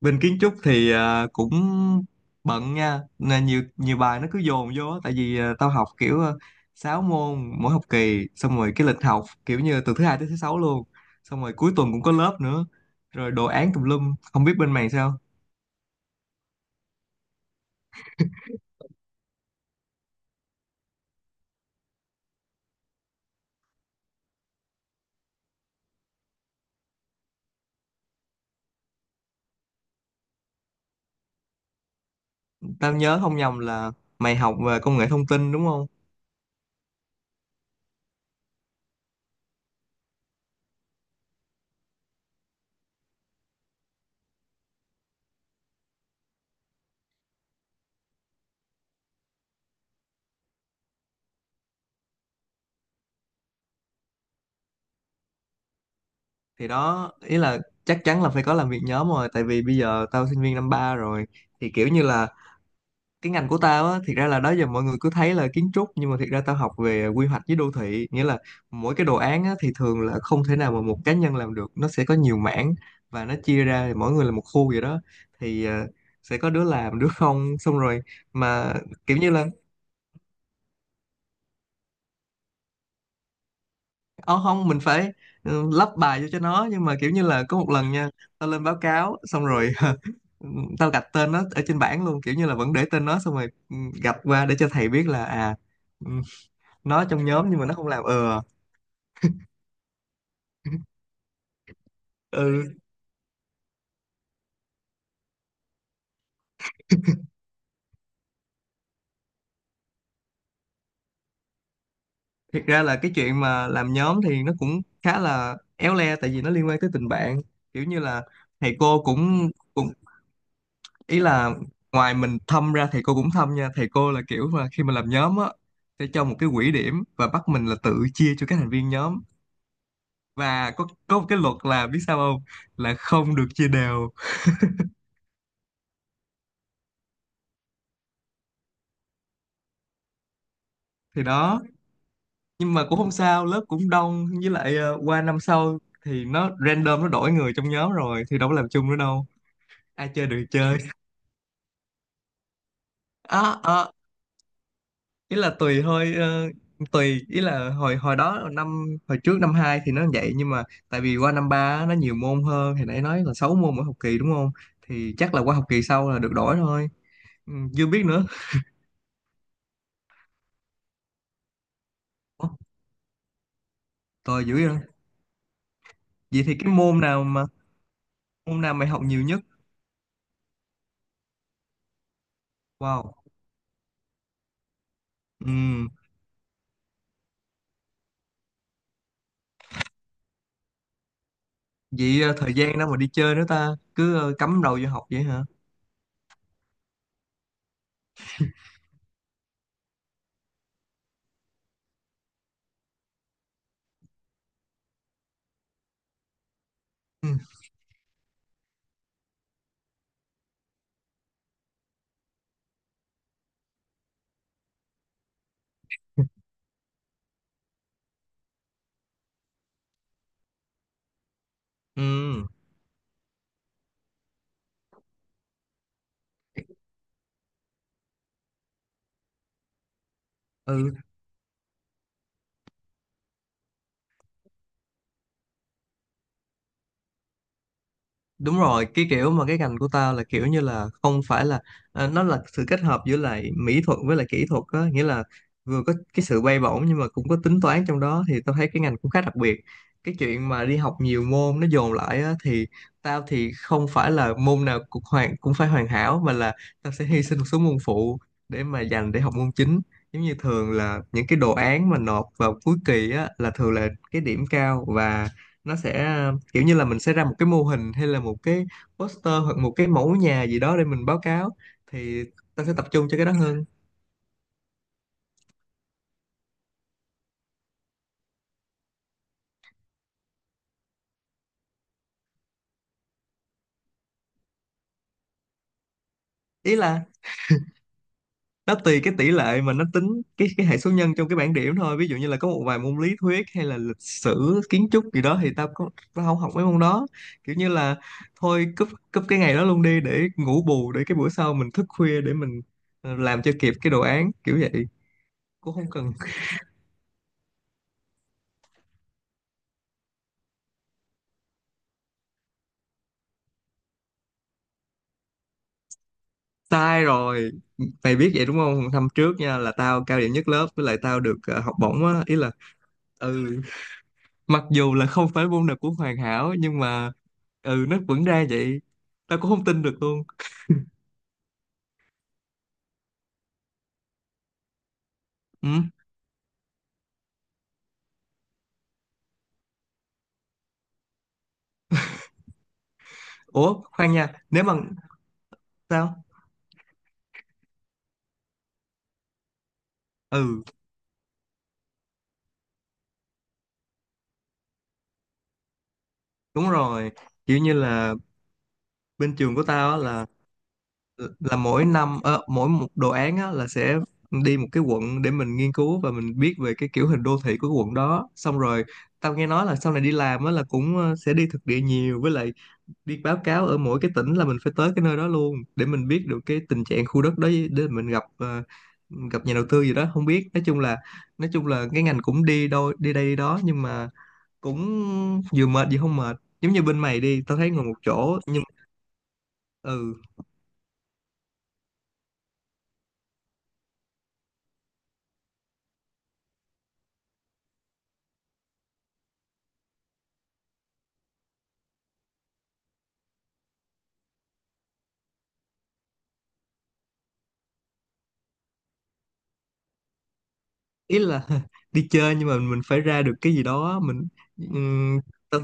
Bên kiến trúc thì cũng bận nha, nên nhiều nhiều bài nó cứ dồn vô á. Tại vì tao học kiểu 6 môn mỗi học kỳ, xong rồi cái lịch học kiểu như từ thứ hai tới thứ sáu luôn, xong rồi cuối tuần cũng có lớp nữa, rồi đồ án tùm lum, không biết bên mày sao. Tao nhớ không nhầm là mày học về công nghệ thông tin, đúng không? Thì đó, ý là chắc chắn là phải có làm việc nhóm rồi, tại vì bây giờ tao sinh viên năm ba rồi. Thì kiểu như là cái ngành của tao á, thiệt ra là đó giờ mọi người cứ thấy là kiến trúc nhưng mà thiệt ra tao học về quy hoạch với đô thị, nghĩa là mỗi cái đồ án á thì thường là không thể nào mà một cá nhân làm được, nó sẽ có nhiều mảng và nó chia ra thì mỗi người là một khu vậy đó. Thì sẽ có đứa làm đứa không, xong rồi mà kiểu như là ô không mình phải lắp bài vô cho nó. Nhưng mà kiểu như là có một lần nha, tao lên báo cáo xong rồi tao gạch tên nó ở trên bảng luôn, kiểu như là vẫn để tên nó xong rồi gạch qua để cho thầy biết là ừ, nó trong nhóm nhưng mà nó không làm. Ừ. Ừ. Thiệt ra là cái chuyện mà làm nhóm thì nó cũng khá là éo le, tại vì nó liên quan tới tình bạn. Kiểu như là thầy cô cũng cũng ý là ngoài mình thâm ra thầy cô cũng thâm nha, thầy cô là kiểu mà khi mà làm nhóm á, sẽ cho một cái quỹ điểm và bắt mình là tự chia cho các thành viên nhóm. Và có một cái luật là biết sao không, là không được chia đều. Thì đó, nhưng mà cũng không sao, lớp cũng đông, với lại qua năm sau thì nó random, nó đổi người trong nhóm rồi thì đâu có làm chung nữa đâu, ai chơi được thì chơi. à, à, Ý là tùy thôi, tùy, ý là hồi hồi đó năm hồi trước năm 2 thì nó vậy, nhưng mà tại vì qua năm 3 á, nó nhiều môn hơn, thì nãy nói là 6 môn mỗi học kỳ đúng không. Thì chắc là qua học kỳ sau là được đổi thôi. Chưa biết nữa. Ủa, tồi dữ vậy. Vậy thì cái môn nào mà môn nào mày học nhiều nhất? Wow. Ừ. Vậy thời gian đâu mà đi chơi nữa ta, cứ cắm đầu vô học vậy hả? Ừ. Ừ. Ừ, đúng rồi, cái kiểu mà cái ngành của tao là kiểu như là không phải là, nó là sự kết hợp giữa lại mỹ thuật với lại kỹ thuật á, nghĩa là vừa có cái sự bay bổng nhưng mà cũng có tính toán trong đó, thì tao thấy cái ngành cũng khá đặc biệt. Cái chuyện mà đi học nhiều môn nó dồn lại á, thì tao thì không phải là môn nào cũng phải hoàn hảo, mà là tao sẽ hy sinh một số môn phụ để mà dành để học môn chính. Giống như thường là những cái đồ án mà nộp vào cuối kỳ á, là thường là cái điểm cao, và nó sẽ kiểu như là mình sẽ ra một cái mô hình hay là một cái poster hoặc một cái mẫu nhà gì đó để mình báo cáo. Thì tao sẽ tập trung cho cái đó hơn. Ý là nó tùy cái tỷ lệ mà nó tính cái hệ số nhân trong cái bảng điểm thôi, ví dụ như là có một vài môn lý thuyết hay là lịch sử kiến trúc gì đó thì tao không học mấy môn đó. Kiểu như là thôi cúp cúp cái ngày đó luôn đi để ngủ bù, để cái bữa sau mình thức khuya để mình làm cho kịp cái đồ án kiểu vậy, cũng không cần. Sai rồi, mày biết vậy đúng không? Năm trước nha là tao cao điểm nhất lớp, với lại tao được học bổng á, ý là ừ mặc dù là không phải môn nào cũng hoàn hảo nhưng mà nó vẫn ra vậy, tao cũng không tin được luôn. Ừ. Ủa khoan nha, nếu mà. Sao. Ừ, đúng rồi, kiểu như là bên trường của tao á, là mỗi năm mỗi một đồ án á là sẽ đi một cái quận để mình nghiên cứu và mình biết về cái kiểu hình đô thị của cái quận đó. Xong rồi tao nghe nói là sau này đi làm á là cũng sẽ đi thực địa nhiều, với lại đi báo cáo ở mỗi cái tỉnh là mình phải tới cái nơi đó luôn để mình biết được cái tình trạng khu đất đó, để mình gặp nhà đầu tư gì đó không biết. Nói chung là cái ngành cũng đi đôi đi đây đi đó, nhưng mà cũng vừa mệt vừa không mệt, giống như bên mày đi tao thấy ngồi một chỗ nhưng. Ừ, ý là đi chơi nhưng mà mình phải ra được cái gì đó. Mình ừm, tao-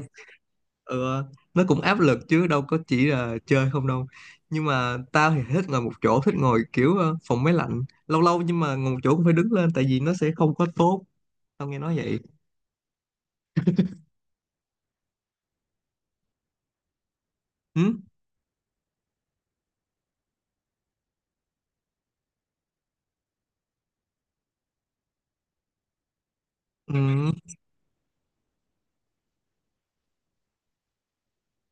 ừ, nó cũng áp lực chứ đâu có chỉ là chơi không đâu. Nhưng mà tao thì thích ngồi một chỗ, thích ngồi kiểu phòng máy lạnh lâu lâu. Nhưng mà ngồi một chỗ cũng phải đứng lên, tại vì nó sẽ không có tốt, tao nghe nói vậy. Ừ? Ừ.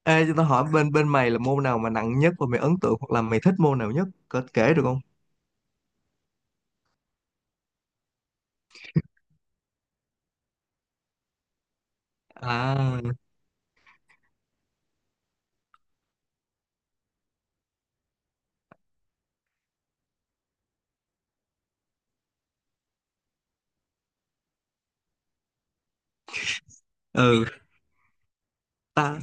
Ê, cho tao hỏi bên bên mày là môn nào mà nặng nhất, và mày ấn tượng hoặc là mày thích môn nào nhất, có kể được không? À. Ừ ta.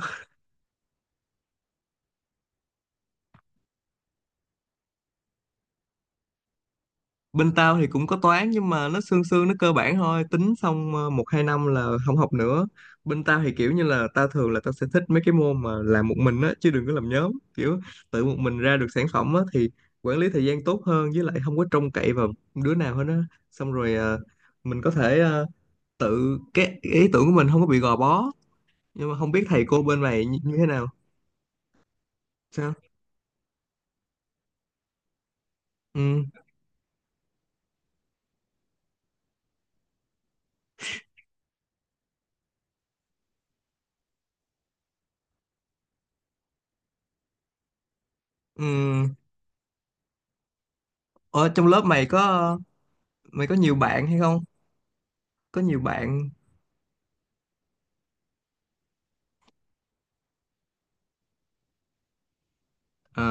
Bên tao thì cũng có toán nhưng mà nó sương sương, nó cơ bản thôi, tính xong 1 2 năm là không học nữa. Bên tao thì kiểu như là tao thường là tao sẽ thích mấy cái môn mà làm một mình á, chứ đừng có làm nhóm kiểu tự một mình ra được sản phẩm á, thì quản lý thời gian tốt hơn, với lại không có trông cậy vào đứa nào hết á. Xong rồi mình có thể tự cái ý tưởng của mình không có bị gò bó. Nhưng mà không biết thầy cô bên mày như thế nào. Sao. Ừ. Ừ. Ở trong lớp mày có nhiều bạn hay không, có nhiều bạn? Ờ.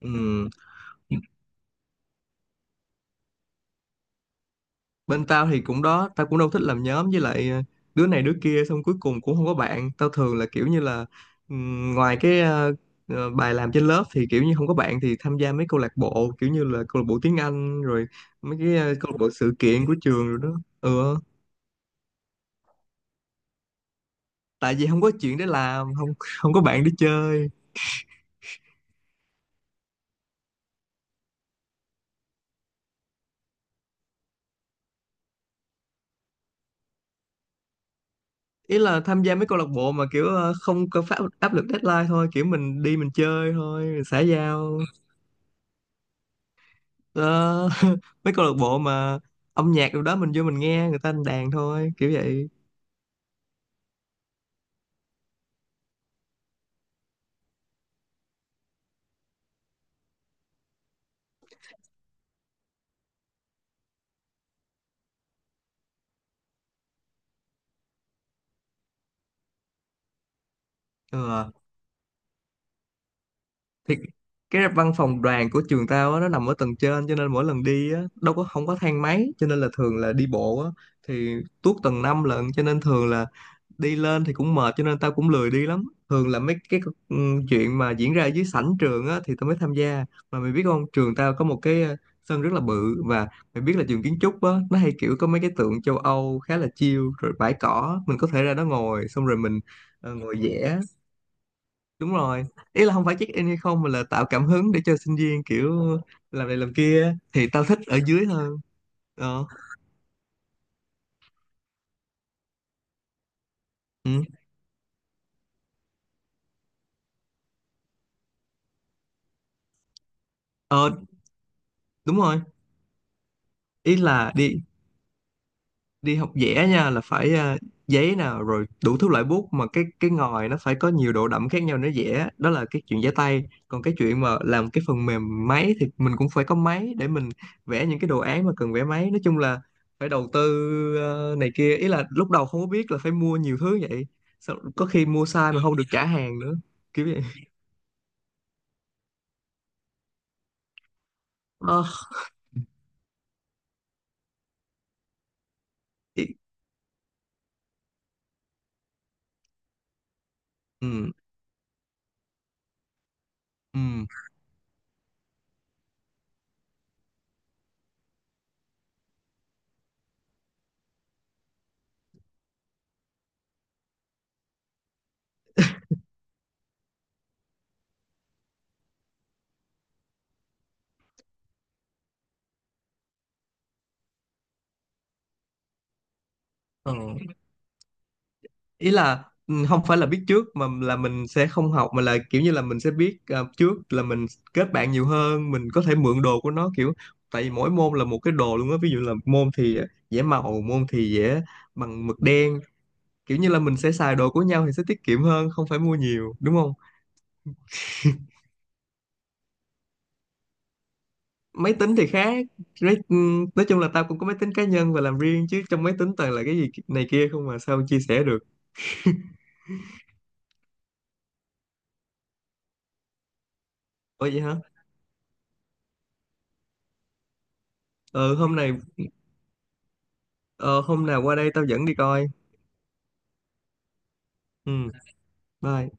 Ừ. Bên tao thì cũng đó, tao cũng đâu thích làm nhóm, với lại đứa này đứa kia xong cuối cùng cũng không có bạn. Tao thường là kiểu như là ngoài cái bài làm trên lớp thì kiểu như không có bạn thì tham gia mấy câu lạc bộ, kiểu như là câu lạc bộ tiếng Anh rồi mấy cái câu lạc bộ sự kiện của trường rồi đó. Ừ, tại vì không có chuyện để làm, không không có bạn để chơi. Ý là tham gia mấy câu lạc bộ mà kiểu không có phát áp lực deadline thôi, kiểu mình đi mình chơi thôi, mình xã giao. Ờ, mấy câu lạc bộ mà âm nhạc đâu đó mình vô mình nghe người ta đánh đàn thôi kiểu vậy. ờ, thì cái văn phòng đoàn của trường tao á, nó nằm ở tầng trên, cho nên mỗi lần đi á, đâu có không có thang máy cho nên là thường là đi bộ á, thì tuốt tầng 5 lận, cho nên thường là đi lên thì cũng mệt, cho nên tao cũng lười đi lắm. Thường là mấy cái ừ, chuyện mà diễn ra ở dưới sảnh trường á thì tao mới tham gia. Mà mày biết không, trường tao có một cái sân rất là bự, và mày biết là trường kiến trúc á, nó hay kiểu có mấy cái tượng châu Âu khá là chill rồi bãi cỏ, mình có thể ra đó ngồi xong rồi mình ngồi vẽ. Đúng rồi, ý là không phải check in hay không mà là tạo cảm hứng để cho sinh viên kiểu làm này làm kia, thì tao thích ở dưới hơn. Ờ. Ừ. Ờ đúng rồi, ý là đi đi học vẽ nha là phải giấy nào rồi đủ thứ loại bút mà cái ngòi nó phải có nhiều độ đậm khác nhau để vẽ, đó là cái chuyện vẽ tay. Còn cái chuyện mà làm cái phần mềm máy thì mình cũng phải có máy để mình vẽ những cái đồ án mà cần vẽ máy. Nói chung là phải đầu tư này kia, ý là lúc đầu không có biết là phải mua nhiều thứ vậy. Sau, có khi mua sai mà không được trả hàng nữa, kiểu vậy. Ờ, ý- ừ, ừ. Ý là không phải là biết trước mà là mình sẽ không học, mà là kiểu như là mình sẽ biết trước là mình kết bạn nhiều hơn, mình có thể mượn đồ của nó. Kiểu tại vì mỗi môn là một cái đồ luôn á, ví dụ là môn thì vẽ màu, môn thì vẽ bằng mực đen, kiểu như là mình sẽ xài đồ của nhau thì sẽ tiết kiệm hơn không phải mua nhiều, đúng không? Máy tính thì khác. Nói chung là tao cũng có máy tính cá nhân và làm riêng, chứ trong máy tính toàn là cái gì này kia không mà sao chia sẻ được. Ủa vậy hả? Ờ hôm này ờ, Hôm nào qua đây tao dẫn đi coi. Ừ, bye.